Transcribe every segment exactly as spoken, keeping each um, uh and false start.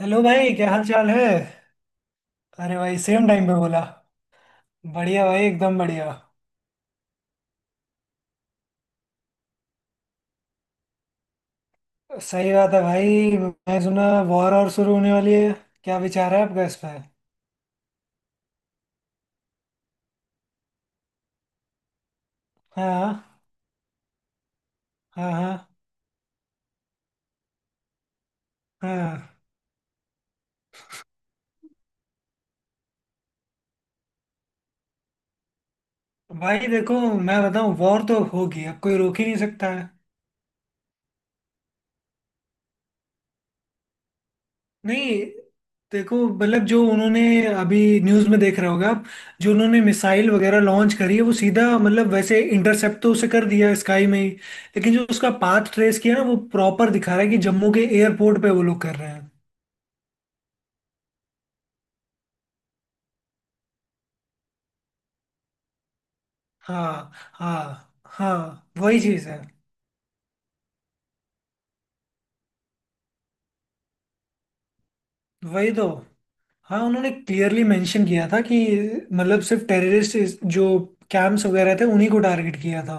Hello भाई, क्या हाल चाल है। अरे भाई, सेम टाइम पे बोला। बढ़िया भाई, एकदम बढ़िया। सही बात है भाई, मैं सुना वॉर और शुरू होने वाली है। क्या विचार है आपका इस पर। हाँ। हाँ। हाँ। हाँ। भाई देखो, मैं बताऊँ वॉर तो होगी, अब कोई रोक ही नहीं सकता है। नहीं, देखो, मतलब जो उन्होंने, अभी न्यूज में देख रहे होगा आप, जो उन्होंने मिसाइल वगैरह लॉन्च करी है वो सीधा मतलब वैसे इंटरसेप्ट तो उसे कर दिया स्काई में ही, लेकिन जो उसका पाथ ट्रेस किया ना वो प्रॉपर दिखा रहा है कि जम्मू के एयरपोर्ट पे वो लोग कर रहे हैं। हाँ हाँ, हाँ वही चीज है। वही तो। हाँ, उन्होंने क्लियरली मेंशन किया था कि मतलब सिर्फ टेररिस्ट जो कैंप्स वगैरह थे उन्हीं को टारगेट किया था।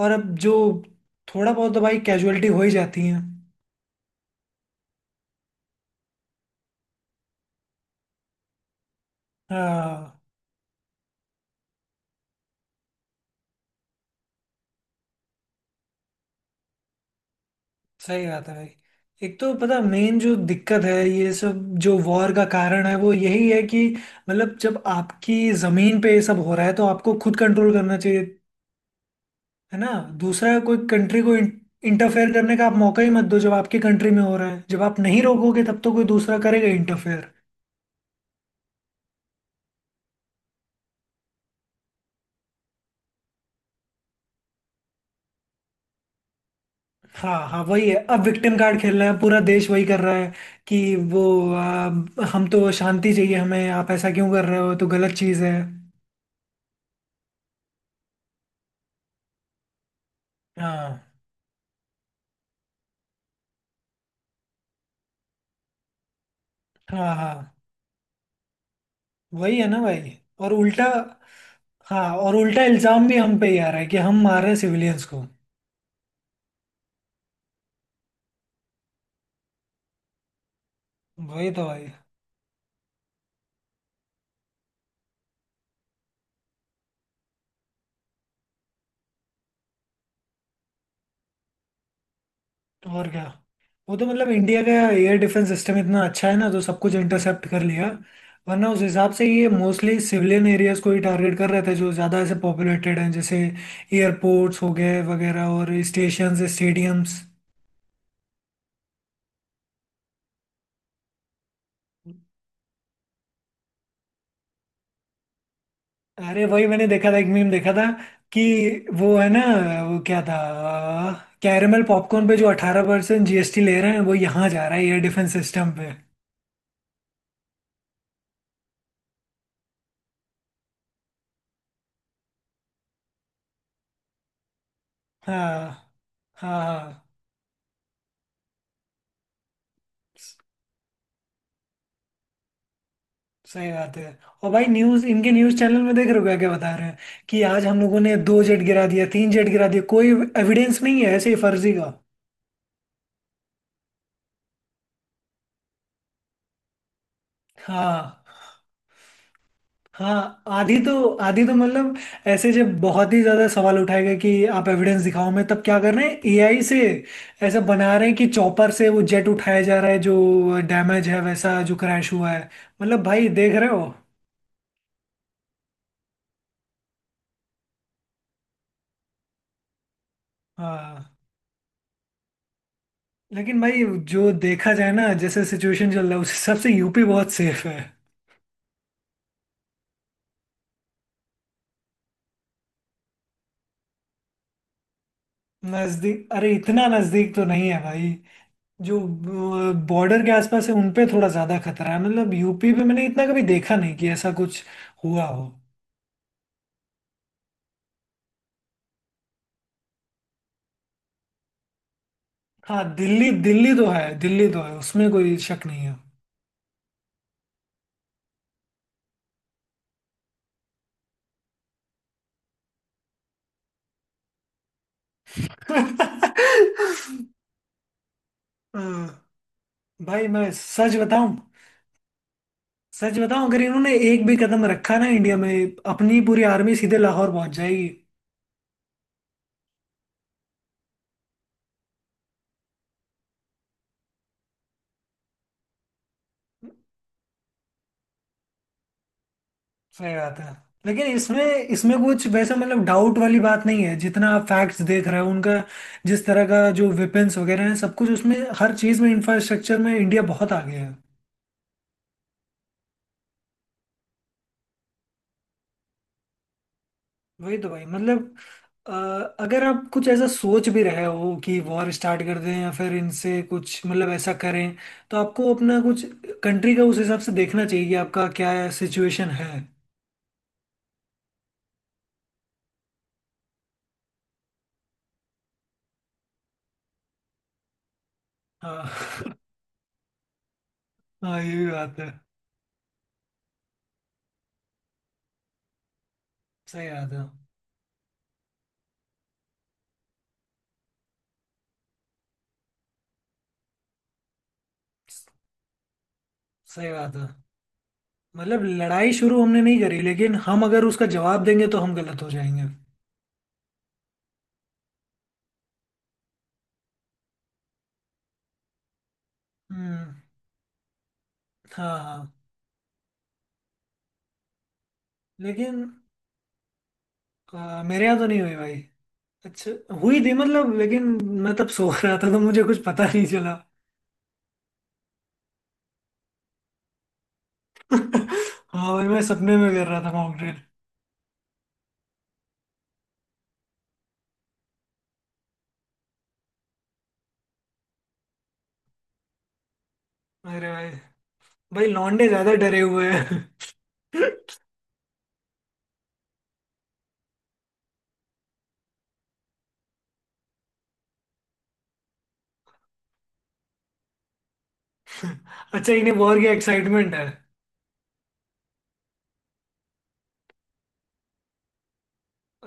और अब जो, थोड़ा बहुत तो भाई कैजुअलिटी हो ही जाती है। हाँ, सही बात है भाई। एक तो पता, मेन जो दिक्कत है ये सब, जो वॉर का कारण है वो यही है कि मतलब जब आपकी जमीन पे ये सब हो रहा है तो आपको खुद कंट्रोल करना चाहिए, है ना। दूसरा कोई कंट्री को इंटरफेयर करने का आप मौका ही मत दो। जब आपकी कंट्री में हो रहा है, जब आप नहीं रोकोगे तब तो कोई दूसरा करेगा इंटरफेयर। हाँ हाँ, वही है, अब विक्टिम कार्ड खेल रहे हैं, पूरा देश वही कर रहा है कि वो आ, हम तो शांति चाहिए हमें, आप ऐसा क्यों कर रहे हो, तो गलत चीज़ है। हाँ हाँ, हाँ वही है ना भाई और उल्टा। हाँ और उल्टा इल्जाम भी हम पे ही आ रहा है कि हम मार रहे हैं सिविलियंस को। वही तो भाई। और क्या। वो तो मतलब इंडिया का एयर डिफेंस सिस्टम इतना अच्छा है ना, तो सब कुछ इंटरसेप्ट कर लिया। वरना उस हिसाब से ये मोस्टली सिविलियन एरियाज को ही टारगेट कर रहे थे, जो ज़्यादा ऐसे पॉपुलेटेड हैं, जैसे एयरपोर्ट्स हो गए वगैरह और स्टेशंस, स्टेडियम्स। अरे वही, मैंने देखा था, एक मीम देखा था कि वो है ना, वो क्या था, कैरमल पॉपकॉर्न पे जो अठारह परसेंट जी एस टी ले रहे हैं, वो यहाँ जा रहा है एयर डिफेंस सिस्टम पे। हाँ। हाँ। हाँ। स- सही बात है। और भाई न्यूज, इनके न्यूज चैनल में देख रहे हो क्या क्या बता रहे हैं, कि आज हम लोगों ने दो जेट गिरा दिया, तीन जेट गिरा दिया, कोई एविडेंस नहीं है, ऐसे ही फर्जी का। हाँ। हाँ, आधी तो, आधी तो मतलब, ऐसे जब बहुत ही ज्यादा सवाल उठाए गए कि आप एविडेंस दिखाओ, मैं तब क्या कर रहे हैं, ए आई से ऐसा बना रहे हैं कि चॉपर से वो जेट उठाया जा रहा है जो डैमेज है, वैसा जो क्रैश हुआ है। मतलब भाई देख रहे हो। हाँ, लेकिन भाई, जो देखा जाए ना, जैसे सिचुएशन चल रहा है उस हिसाब से यू पी बहुत सेफ है। नजदीक, अरे इतना नजदीक तो नहीं है भाई। जो बॉर्डर के आसपास है उनपे थोड़ा ज्यादा खतरा है, मतलब यू पी पे मैंने इतना कभी देखा नहीं कि ऐसा कुछ हुआ हो। हाँ, दिल्ली, दिल्ली तो है, दिल्ली तो है, उसमें कोई शक नहीं है। हाँ, भाई मैं सच बताऊं। सच बताऊं, अगर इन्होंने एक भी कदम रखा ना इंडिया में, अपनी पूरी आर्मी सीधे लाहौर पहुंच जाएगी। सही बात है। लेकिन इसमें इसमें कुछ वैसा मतलब डाउट वाली बात नहीं है, जितना आप फैक्ट्स देख रहे हो उनका, जिस तरह का जो वेपन्स वगैरह है सब कुछ उसमें, हर चीज़ में, इंफ्रास्ट्रक्चर में इंडिया बहुत आगे है। वही तो भाई, मतलब अ, अगर आप कुछ ऐसा सोच भी रहे हो कि वॉर स्टार्ट कर दें या फिर इनसे कुछ मतलब ऐसा करें, तो आपको अपना कुछ, कंट्री का, उस हिसाब से देखना चाहिए कि आपका क्या सिचुएशन है। हाँ। हाँ, ये भी बात है। सही बात है। सही बात है, मतलब लड़ाई शुरू हमने नहीं करी, लेकिन हम अगर उसका जवाब देंगे तो हम गलत हो जाएंगे। हम्म। हाँ हाँ। लेकिन अ, मेरे यहाँ तो नहीं हुई भाई। अच्छा, हुई थी मतलब, लेकिन मैं तब सो रहा था तो मुझे कुछ पता नहीं चला। हाँ भाई, मैं सपने में कर रहा था मॉकड्रिल। अरे भाई, भाई लौंडे ज्यादा डरे हुए हैं। अच्छा, इन्हें वॉर की एक्साइटमेंट है।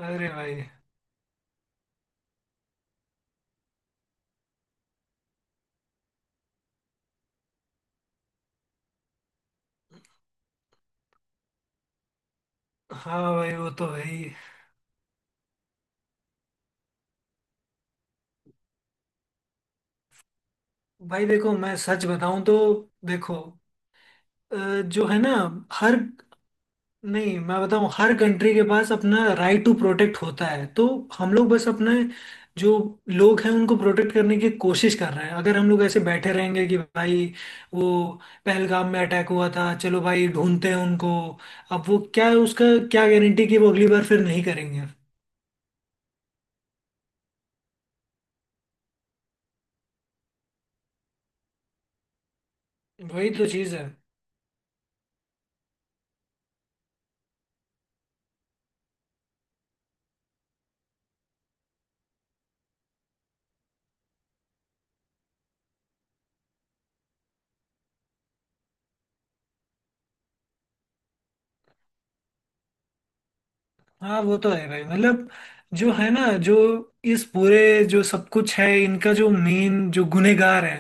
अरे भाई। हाँ भाई, वो तो है ही। भाई देखो, मैं सच बताऊं तो, देखो अ, जो है ना, हर, नहीं मैं बताऊं, हर कंट्री के पास अपना राइट टू प्रोटेक्ट होता है, तो हम लोग बस अपने जो लोग हैं उनको प्रोटेक्ट करने की कोशिश कर रहे हैं। अगर हम लोग ऐसे बैठे रहेंगे कि भाई वो पहलगाम में अटैक हुआ था, चलो भाई ढूंढते हैं उनको, अब वो क्या उसका, क्या गारंटी कि वो अगली बार फिर नहीं करेंगे। वही तो चीज़ है। हाँ, वो तो है भाई, मतलब जो है ना, जो इस पूरे जो सब कुछ है, इनका जो मेन जो गुनेगार है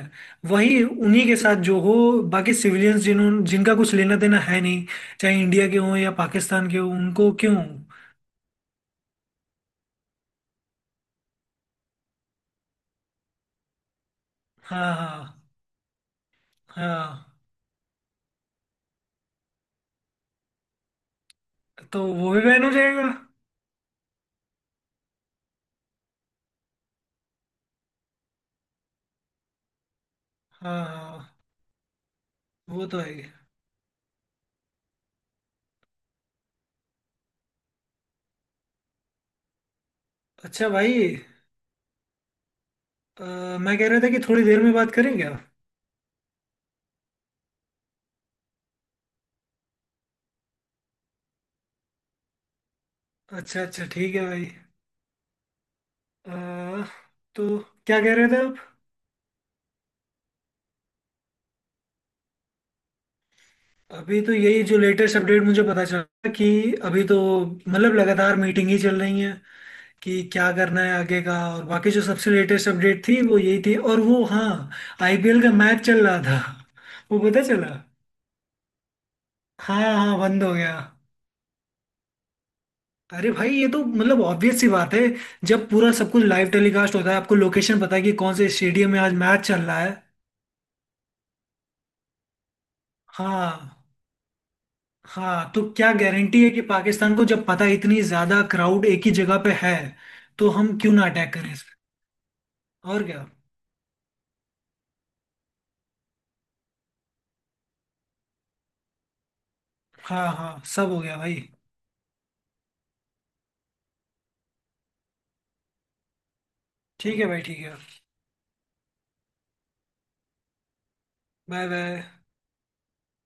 वही उन्हीं के साथ जो हो, बाकी सिविलियंस जिन्होंने, जिनका कुछ लेना देना है नहीं, चाहे इंडिया के हों या पाकिस्तान के हों, उनको क्यों। हाँ हाँ। हाँ तो वो भी बैन हो जाएगा। हाँ हाँ, वो तो है ही। अच्छा भाई, अ, मैं कह रहा था कि थोड़ी देर में बात करें क्या। अच्छा अच्छा, ठीक है भाई। अ, तो क्या कह रहे थे। अभी तो यही जो लेटेस्ट अपडेट मुझे पता चला कि अभी तो मतलब लगातार मीटिंग ही चल रही है कि क्या करना है आगे का, और बाकी जो सबसे लेटेस्ट अपडेट थी वो यही थी, और वो हाँ, आई पी एल का मैच चल रहा था वो पता चला। हाँ हाँ, बंद हो गया। अरे भाई, ये तो मतलब ऑब्वियस सी बात है, जब पूरा सब कुछ लाइव टेलीकास्ट होता है, आपको लोकेशन पता है कि कौन से स्टेडियम में आज मैच चल रहा है। हाँ। हाँ, तो क्या गारंटी है कि पाकिस्तान को, जब पता है इतनी ज्यादा क्राउड एक ही जगह पे है, तो हम क्यों ना अटैक करें इस पे? और क्या। हाँ हाँ, सब हो गया भाई। ठीक है भाई, ठीक है। Bye bye.